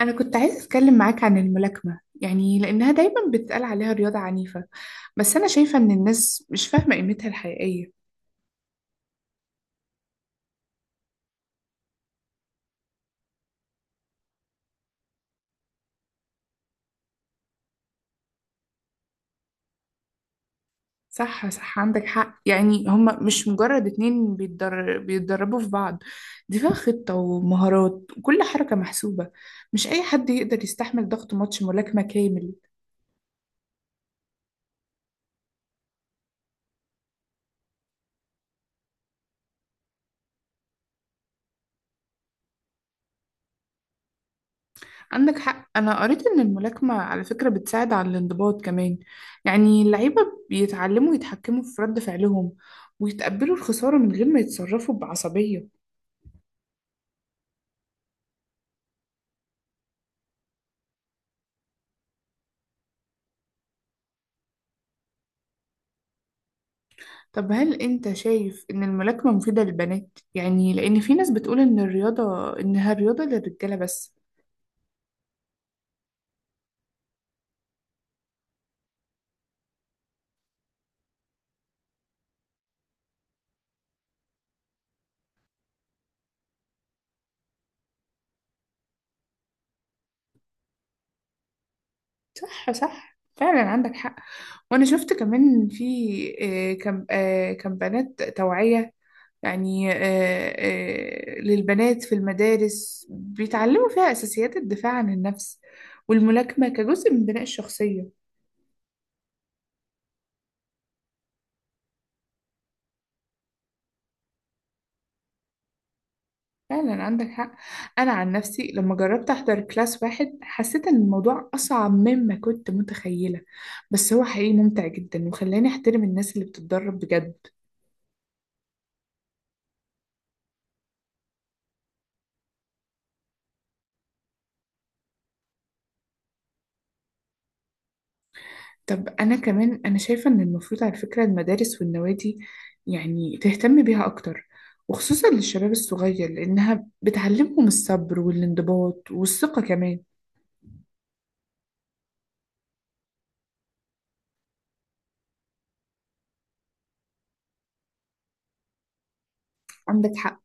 أنا كنت عايزة أتكلم معاك عن الملاكمة، يعني لأنها دايما بتتقال عليها رياضة عنيفة، بس أنا شايفة إن الناس مش فاهمة قيمتها الحقيقية. صح صح، عندك حق، يعني هما مش مجرد بيتدربوا في بعض. دي فيها خطة ومهارات وكل حركة محسوبة. مش أي حد يقدر يستحمل ضغط ماتش ملاكمة كامل. عندك حق، أنا قريت إن الملاكمة على فكرة بتساعد على الانضباط كمان، يعني اللعيبة بيتعلموا يتحكموا في رد فعلهم ويتقبلوا الخسارة من غير ما يتصرفوا بعصبية. طب هل أنت شايف إن الملاكمة مفيدة للبنات؟ يعني لأن في ناس بتقول إن الرياضة إنها رياضة للرجالة بس. صح صح، فعلا عندك حق، وأنا شفت كمان في آه، كم آه، كم بنات توعية، يعني آه، للبنات في المدارس بيتعلموا فيها أساسيات الدفاع عن النفس والملاكمة كجزء من بناء الشخصية. فعلا عندك حق. أنا عن نفسي لما جربت أحضر كلاس واحد حسيت إن الموضوع أصعب مما كنت متخيلة، بس هو حقيقي ممتع جدا وخلاني أحترم الناس اللي بتتدرب بجد. طب أنا كمان أنا شايفة إن المفروض على فكرة المدارس والنوادي يعني تهتم بيها أكتر، وخصوصا للشباب الصغير، لأنها بتعلمهم الصبر والانضباط والثقة كمان. عندك حق،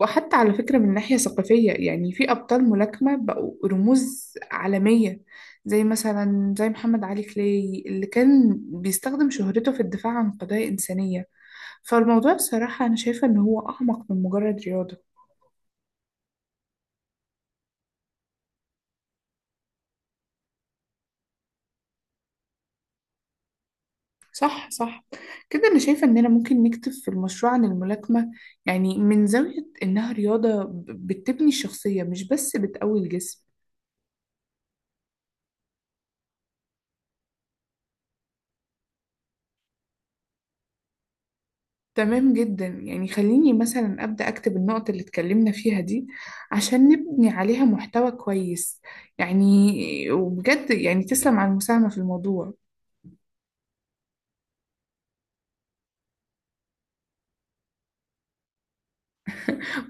وحتى على فكرة من ناحية ثقافية يعني في أبطال ملاكمة بقوا رموز عالمية، زي مثلا زي محمد علي كلاي اللي كان بيستخدم شهرته في الدفاع عن قضايا إنسانية، فالموضوع بصراحة أنا شايفة إن هو أعمق من مجرد رياضة. صح صح، كده أنا شايفة إننا ممكن نكتب في المشروع عن الملاكمة، يعني من زاوية إنها رياضة بتبني الشخصية مش بس بتقوي الجسم. تمام جدا، يعني خليني مثلا أبدأ أكتب النقط اللي اتكلمنا فيها دي عشان نبني عليها محتوى كويس، يعني. وبجد يعني تسلم على المساهمة في الموضوع.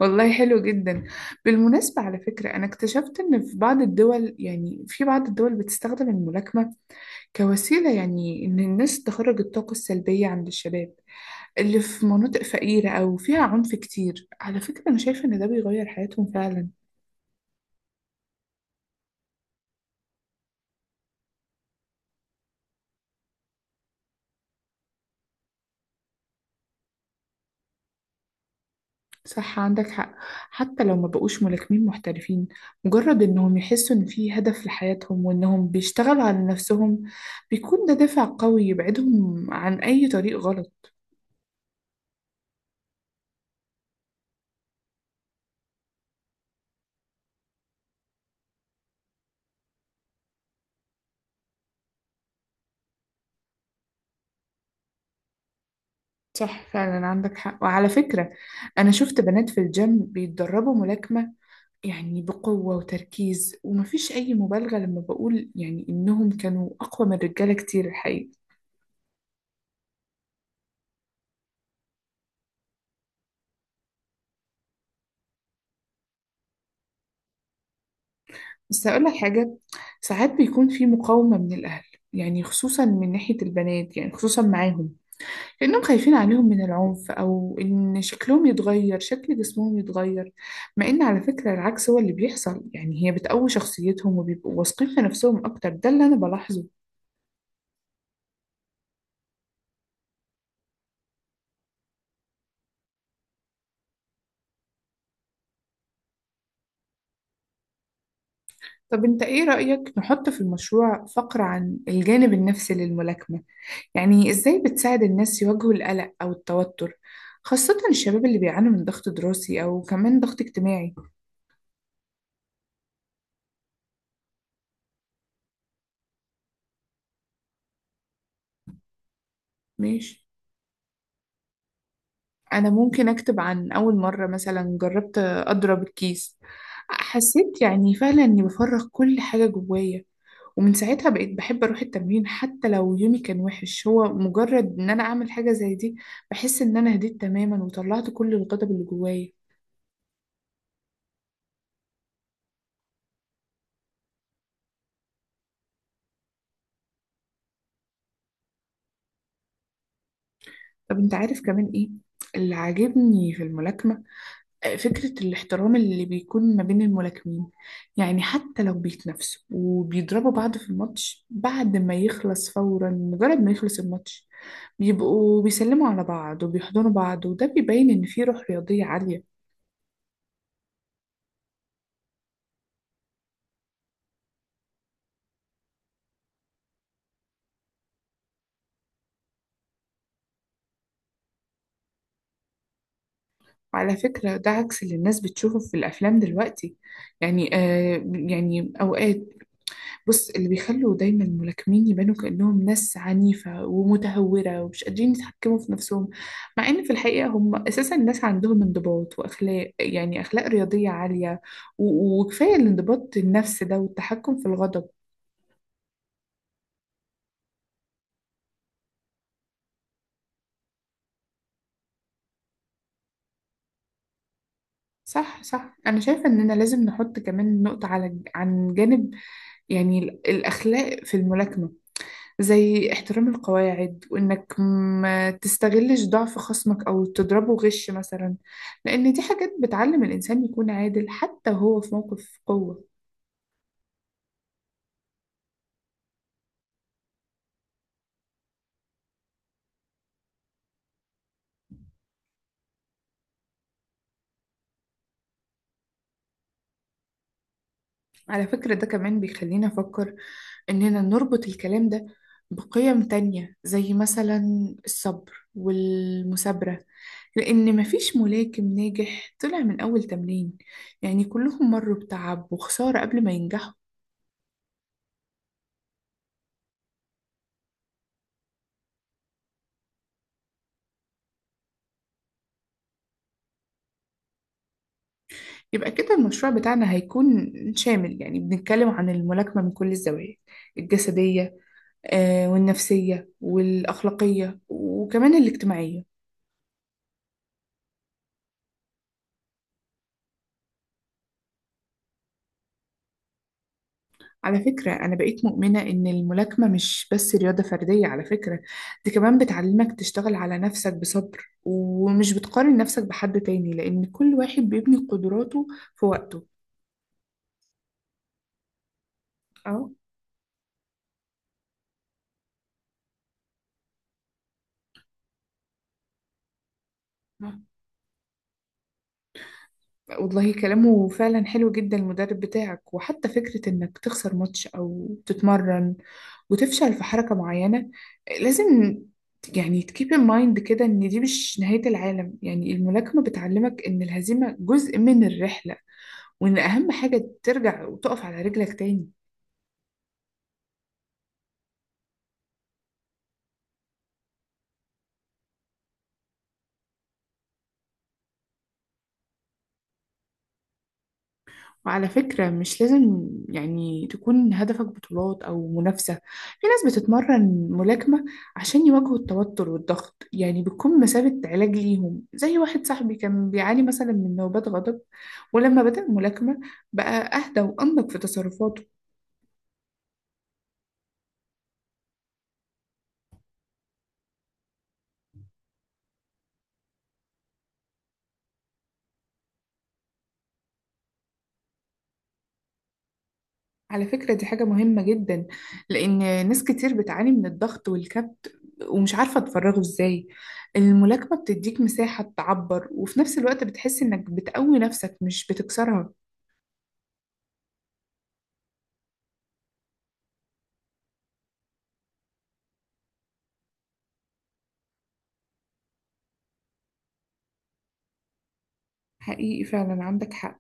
والله حلو جدا. بالمناسبة على فكرة أنا اكتشفت إن في بعض الدول، يعني في بعض الدول بتستخدم الملاكمة كوسيلة، يعني إن الناس تخرج الطاقة السلبية عند الشباب اللي في مناطق فقيرة أو فيها عنف كتير. على فكرة أنا شايفة إن ده بيغير حياتهم فعلا. صح عندك حق، حتى لو ما بقوش ملاكمين محترفين، مجرد إنهم يحسوا إن في هدف لحياتهم وإنهم بيشتغلوا على نفسهم، بيكون ده دافع قوي يبعدهم عن أي طريق غلط. صح فعلا عندك حق. وعلى فكرة أنا شفت بنات في الجيم بيتدربوا ملاكمة، يعني بقوة وتركيز، ومفيش أي مبالغة لما بقول يعني إنهم كانوا أقوى من الرجالة كتير الحقيقة. بس هقول لك حاجة، ساعات بيكون في مقاومة من الأهل، يعني خصوصا من ناحية البنات يعني خصوصا معاهم، لأنهم خايفين عليهم من العنف أو إن شكلهم يتغير، شكل جسمهم يتغير، مع إن على فكرة العكس هو اللي بيحصل، يعني هي بتقوي شخصيتهم وبيبقوا واثقين في نفسهم أكتر، ده اللي أنا بلاحظه. طب أنت إيه رأيك نحط في المشروع فقرة عن الجانب النفسي للملاكمة، يعني إزاي بتساعد الناس يواجهوا القلق أو التوتر، خاصة الشباب اللي بيعانوا من ضغط دراسي أو كمان ضغط اجتماعي. ماشي. أنا ممكن أكتب عن أول مرة مثلا جربت أضرب الكيس، حسيت يعني فعلا إني بفرغ كل حاجة جوايا، ومن ساعتها بقيت بحب أروح التمرين حتى لو يومي كان وحش. هو مجرد إن أنا أعمل حاجة زي دي بحس إن أنا هديت تماما وطلعت كل الغضب اللي جوايا. طب أنت عارف كمان إيه اللي عاجبني في الملاكمة؟ فكرة الاحترام اللي بيكون ما بين الملاكمين، يعني حتى لو بيتنافسوا وبيضربوا بعض في الماتش، بعد ما يخلص فورا، مجرد ما يخلص الماتش بيبقوا بيسلموا على بعض وبيحضنوا بعض، وده بيبين إن في روح رياضية عالية. وعلى فكرة ده عكس اللي الناس بتشوفه في الأفلام دلوقتي، يعني آه يعني أوقات، بص اللي بيخلوا دايما الملاكمين يبانوا كأنهم ناس عنيفة ومتهورة ومش قادرين يتحكموا في نفسهم، مع إن في الحقيقة هم أساسا ناس عندهم انضباط وأخلاق، يعني أخلاق رياضية عالية، وكفاية الانضباط النفسي ده والتحكم في الغضب. صح صح، أنا شايفة إننا لازم نحط كمان نقطة على عن جانب يعني الأخلاق في الملاكمة، زي احترام القواعد وإنك ما تستغلش ضعف خصمك أو تضربه غش مثلا، لأن دي حاجات بتعلم الإنسان يكون عادل حتى وهو في موقف قوة. على فكرة ده كمان بيخلينا أفكر إننا نربط الكلام ده بقيم تانية، زي مثلا الصبر والمثابرة، لأن مفيش ملاكم ناجح طلع من أول تمرين، يعني كلهم مروا بتعب وخسارة قبل ما ينجحوا. يبقى كده المشروع بتاعنا هيكون شامل، يعني بنتكلم عن الملاكمة من كل الزوايا، الجسدية والنفسية والأخلاقية وكمان الاجتماعية. على فكرة أنا بقيت مؤمنة إن الملاكمة مش بس رياضة فردية، على فكرة دي كمان بتعلمك تشتغل على نفسك بصبر، ومش بتقارن نفسك بحد تاني لأن كل واحد بيبني قدراته في وقته. أه، والله كلامه فعلا حلو جدا المدرب بتاعك. وحتى فكرة انك تخسر ماتش او تتمرن وتفشل في حركة معينة، لازم يعني تكيب ان مايند كده، ان دي مش نهاية العالم، يعني الملاكمة بتعلمك ان الهزيمة جزء من الرحلة، وان اهم حاجة ترجع وتقف على رجلك تاني. وعلى فكرة مش لازم يعني تكون هدفك بطولات أو منافسة، في ناس بتتمرن ملاكمة عشان يواجهوا التوتر والضغط، يعني بتكون مثابة علاج ليهم، زي واحد صاحبي كان بيعاني مثلا من نوبات غضب، ولما بدأ ملاكمة بقى أهدى وأنضج في تصرفاته. على فكرة دي حاجة مهمة جدا، لأن ناس كتير بتعاني من الضغط والكبت ومش عارفة تفرغه إزاي، الملاكمة بتديك مساحة تعبر، وفي نفس الوقت بتحس إنك بتقوي نفسك مش بتكسرها. حقيقي فعلا عندك حق.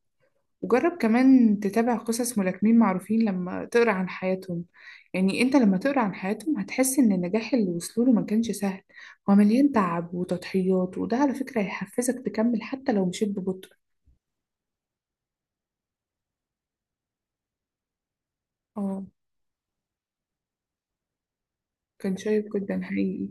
وجرب كمان تتابع قصص ملاكمين معروفين، لما تقرأ عن حياتهم، يعني انت لما تقرأ عن حياتهم هتحس ان النجاح اللي وصلوا له ما كانش سهل، هو مليان تعب وتضحيات، وده على فكرة هيحفزك تكمل حتى لو مشيت ببطء. اه. كان شيق جدا حقيقي.